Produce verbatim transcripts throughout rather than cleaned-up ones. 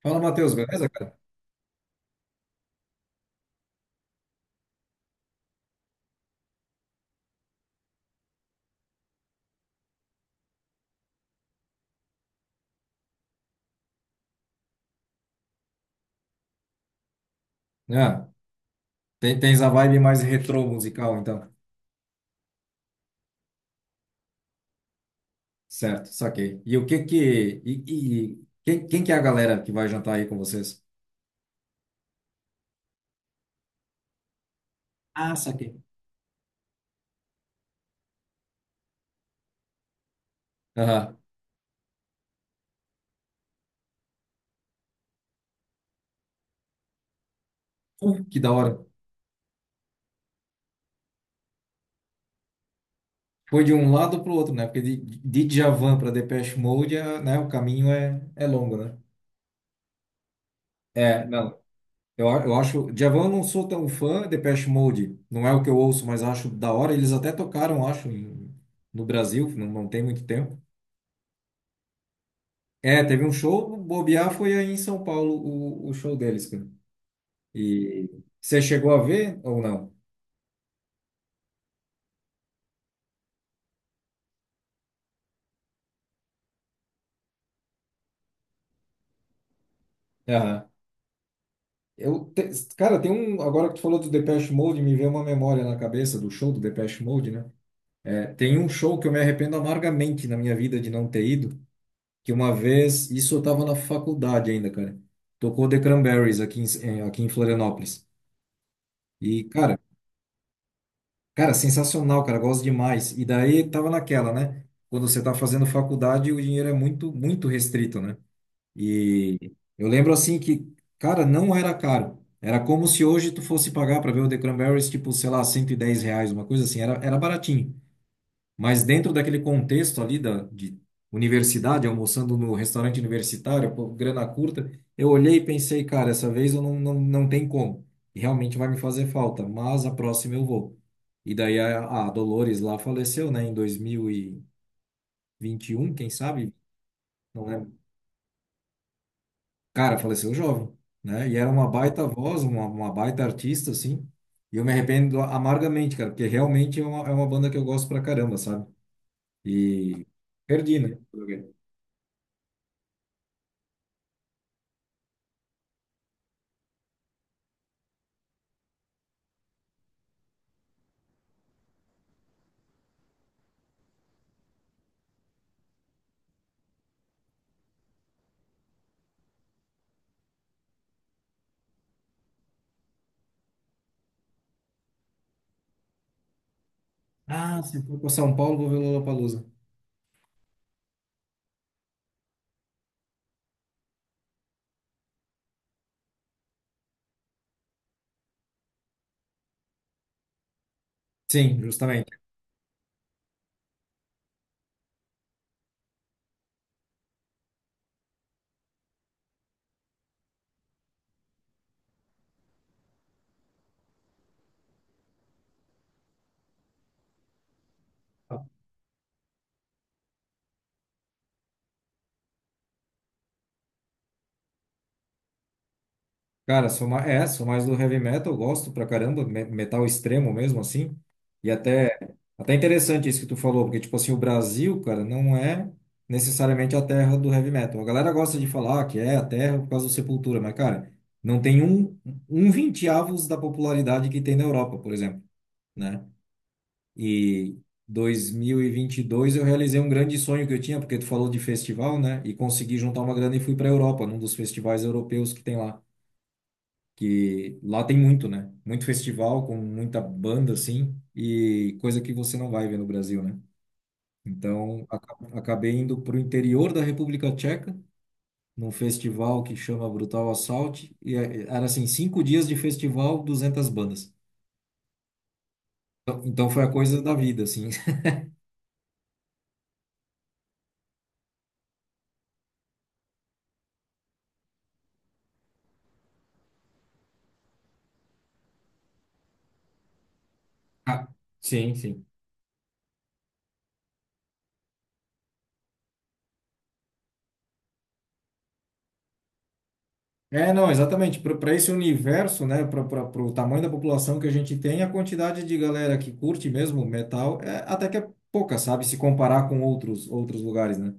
Fala, Matheus, beleza, cara? Ah, tem, tens a vibe mais retrô musical, então. Certo, saquei. E o que que... E, e quem, quem que é a galera que vai jantar aí com vocês? Ah, saquei. Aham. Uh, que da hora. Foi de um lado pro outro, né? Porque de, de Djavan para Depeche Mode, é, né, o caminho é, é longo, né? É, não. Eu, a- eu acho... Djavan eu não sou tão fã, Depeche Mode não é o que eu ouço, mas acho da hora. Eles até tocaram, acho, em- no Brasil, não, não tem muito tempo. É, teve um show, bobear foi aí em São Paulo o, o show deles, cara. E você chegou a ver ou não? Aham. Eu, te- Cara, tem um, agora que tu falou do Depeche Mode, me veio uma memória na cabeça do show do Depeche Mode, né? É, tem um show que eu me arrependo amargamente na minha vida de não ter ido, que uma vez, isso eu tava na faculdade ainda, cara. Tocou The Cranberries aqui em, em- aqui em Florianópolis. E, cara, Cara, sensacional, cara, gosto demais. E daí tava naquela, né? Quando você tá fazendo faculdade, o dinheiro é muito, muito restrito, né? E eu lembro assim que, cara, não era caro. Era como se hoje tu fosse pagar para ver o The Cranberries, tipo, sei lá, cento e dez reais, uma coisa assim, era, era baratinho. Mas dentro daquele contexto ali da, de universidade, almoçando no restaurante universitário, pô, grana curta, eu olhei e pensei, cara, essa vez eu não, não, não tem como. E realmente vai me fazer falta, mas a próxima eu vou. E daí a, a Dolores lá faleceu, né, em dois mil e e vinte e um, quem sabe? Não lembro. Cara, faleceu jovem, né? E era uma baita voz, uma, uma baita artista, assim. E eu me arrependo amargamente, cara, porque realmente é uma, é uma banda que eu gosto pra caramba, sabe? E perdi, né? Ah, se eu for para São Paulo, vou ver o Lollapalooza. Sim, justamente. Cara, sou mais, é, sou mais do heavy metal, gosto pra caramba, me- metal extremo mesmo, assim. E até, até interessante isso que tu falou, porque, tipo assim, o Brasil, cara, não é necessariamente a terra do heavy metal. A galera gosta de falar que é a terra por causa do Sepultura, mas, cara, não tem um, um vinteavos da popularidade que tem na Europa, por exemplo, né? E dois mil e e vinte e dois eu realizei um grande sonho que eu tinha, porque tu falou de festival, né? E consegui juntar uma grana e fui para a Europa, num dos festivais europeus que tem lá. Que lá tem muito, né? Muito festival com muita banda, assim, e coisa que você não vai ver no Brasil, né? Então, aca- acabei indo para o interior da República Tcheca, num festival que chama Brutal Assault, e eh, era assim, cinco dias de festival, duzentas bandas. Então, então foi a coisa da vida, assim. Ah, sim, sim. É, não, exatamente. Para esse universo, né, para o tamanho da população que a gente tem, a quantidade de galera que curte mesmo metal é até que é pouca, sabe? Se comparar com outros outros lugares, né?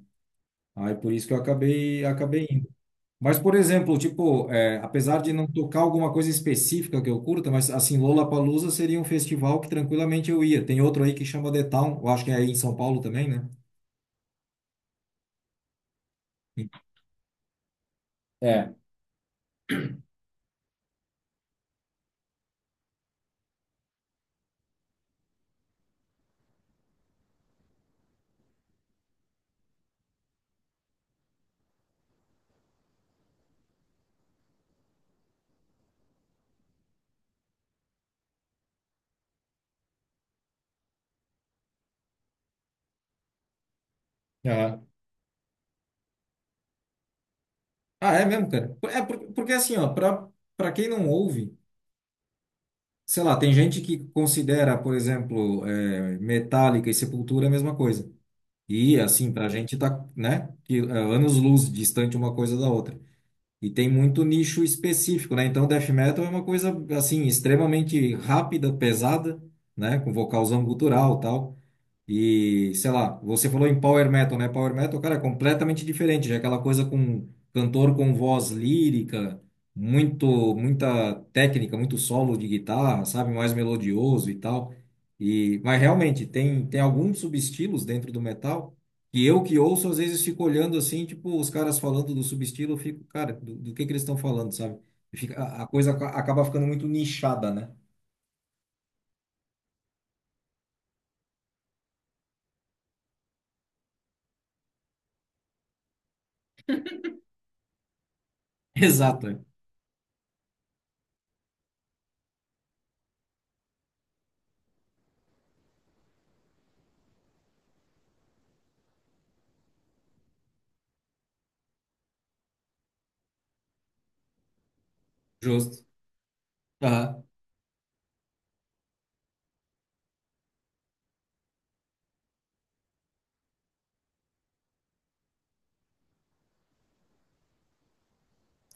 Aí por isso que eu acabei acabei indo. Mas, por exemplo, tipo, é, apesar de não tocar alguma coisa específica que eu curta, mas assim, Lollapalooza seria um festival que tranquilamente eu ia. Tem outro aí que chama The Town, eu acho que é aí em São Paulo também, né? É. Aham. Ah, é mesmo, cara? É por- porque assim, ó, para para quem não ouve. Sei lá, tem gente que considera, por exemplo, eh, Metallica e Sepultura a mesma coisa. E assim, pra gente tá, né, que, eh, anos-luz distante uma coisa da outra. E tem muito nicho específico, né? Então, death metal é uma coisa assim extremamente rápida, pesada, né, com vocalzão gutural, tal. E, sei lá, você falou em Power Metal, né? Power Metal, cara, é completamente diferente, já é aquela coisa com cantor com voz lírica, muito, muita técnica, muito solo de guitarra, sabe? Mais melodioso e tal. E, mas realmente, tem, tem alguns subestilos dentro do metal que eu que ouço, às vezes fico olhando assim, tipo, os caras falando do subestilo, eu fico, cara, do, do que que eles estão falando, sabe? Fica, a, a coisa aca- acaba ficando muito nichada, né? Exato, é. Justo. Aham.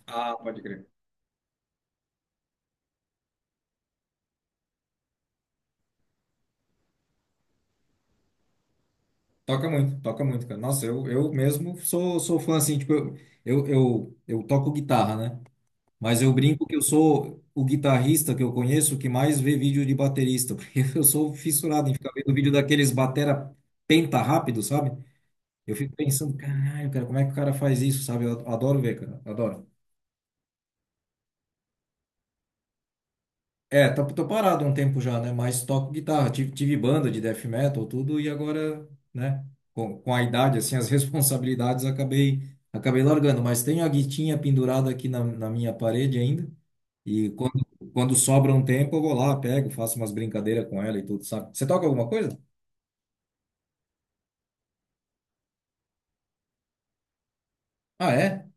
Ah, pode crer. Toca muito, toca muito, cara. Nossa, eu, eu mesmo sou, sou fã, assim, tipo, eu, eu, eu, eu toco guitarra, né? Mas eu brinco que eu sou o guitarrista que eu conheço que mais vê vídeo de baterista, porque eu sou fissurado em ficar vendo vídeo daqueles batera penta rápido, sabe? Eu fico pensando, caralho, cara, como é que o cara faz isso, sabe? Eu adoro ver, cara, adoro. É, tô, tô parado há um tempo já, né? Mas toco guitarra. Tive, tive banda de death metal, tudo, e agora, né? Com, com a idade, assim, as responsabilidades, acabei, acabei largando. Mas tenho a guitinha pendurada aqui na, na minha parede ainda. E quando, quando sobra um tempo, eu vou lá, pego, faço umas brincadeiras com ela e tudo, sabe? Você toca alguma coisa? Ah, é?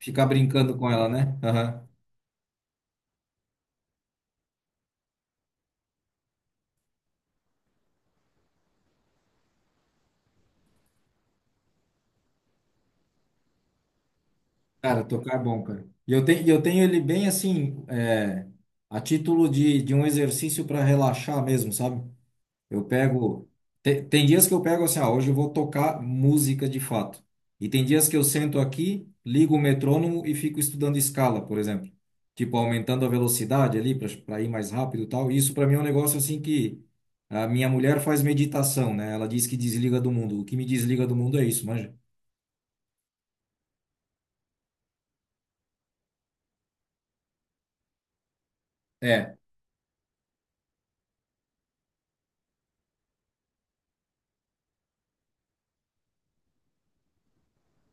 Ficar brincando com ela, né? Aham. Cara, tocar é bom, cara. E eu tenho, eu tenho ele bem assim, é, a título de, de um exercício para relaxar mesmo, sabe? Eu pego. te- Tem dias que eu pego assim, ah, hoje eu vou tocar música de fato. E tem dias que eu sento aqui, ligo o metrônomo e fico estudando escala, por exemplo. Tipo, aumentando a velocidade ali para ir mais rápido e tal. Isso para mim é um negócio assim que a minha mulher faz meditação, né? Ela diz que desliga do mundo. O que me desliga do mundo é isso, manja. É,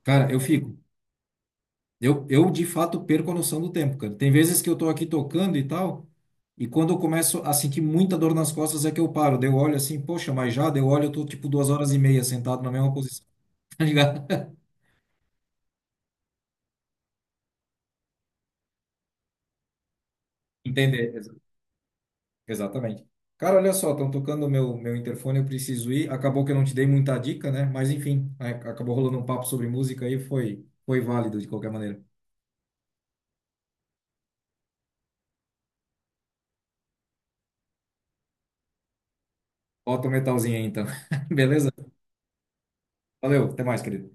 cara, eu fico. Eu, eu de fato perco a noção do tempo, cara. Tem vezes que eu tô aqui tocando e tal, e quando eu começo a sentir muita dor nas costas é que eu paro. Daí eu olho assim, poxa, mas já, daí eu olho, eu tô tipo duas horas e meia sentado na mesma posição, tá ligado? Entender, exa- exatamente. Cara, olha só, estão tocando o meu, meu interfone, eu preciso ir. Acabou que eu não te dei muita dica, né? Mas enfim, a- acabou rolando um papo sobre música aí, foi, foi válido de qualquer maneira. Bota o metalzinho aí então. Beleza? Valeu, até mais, querido.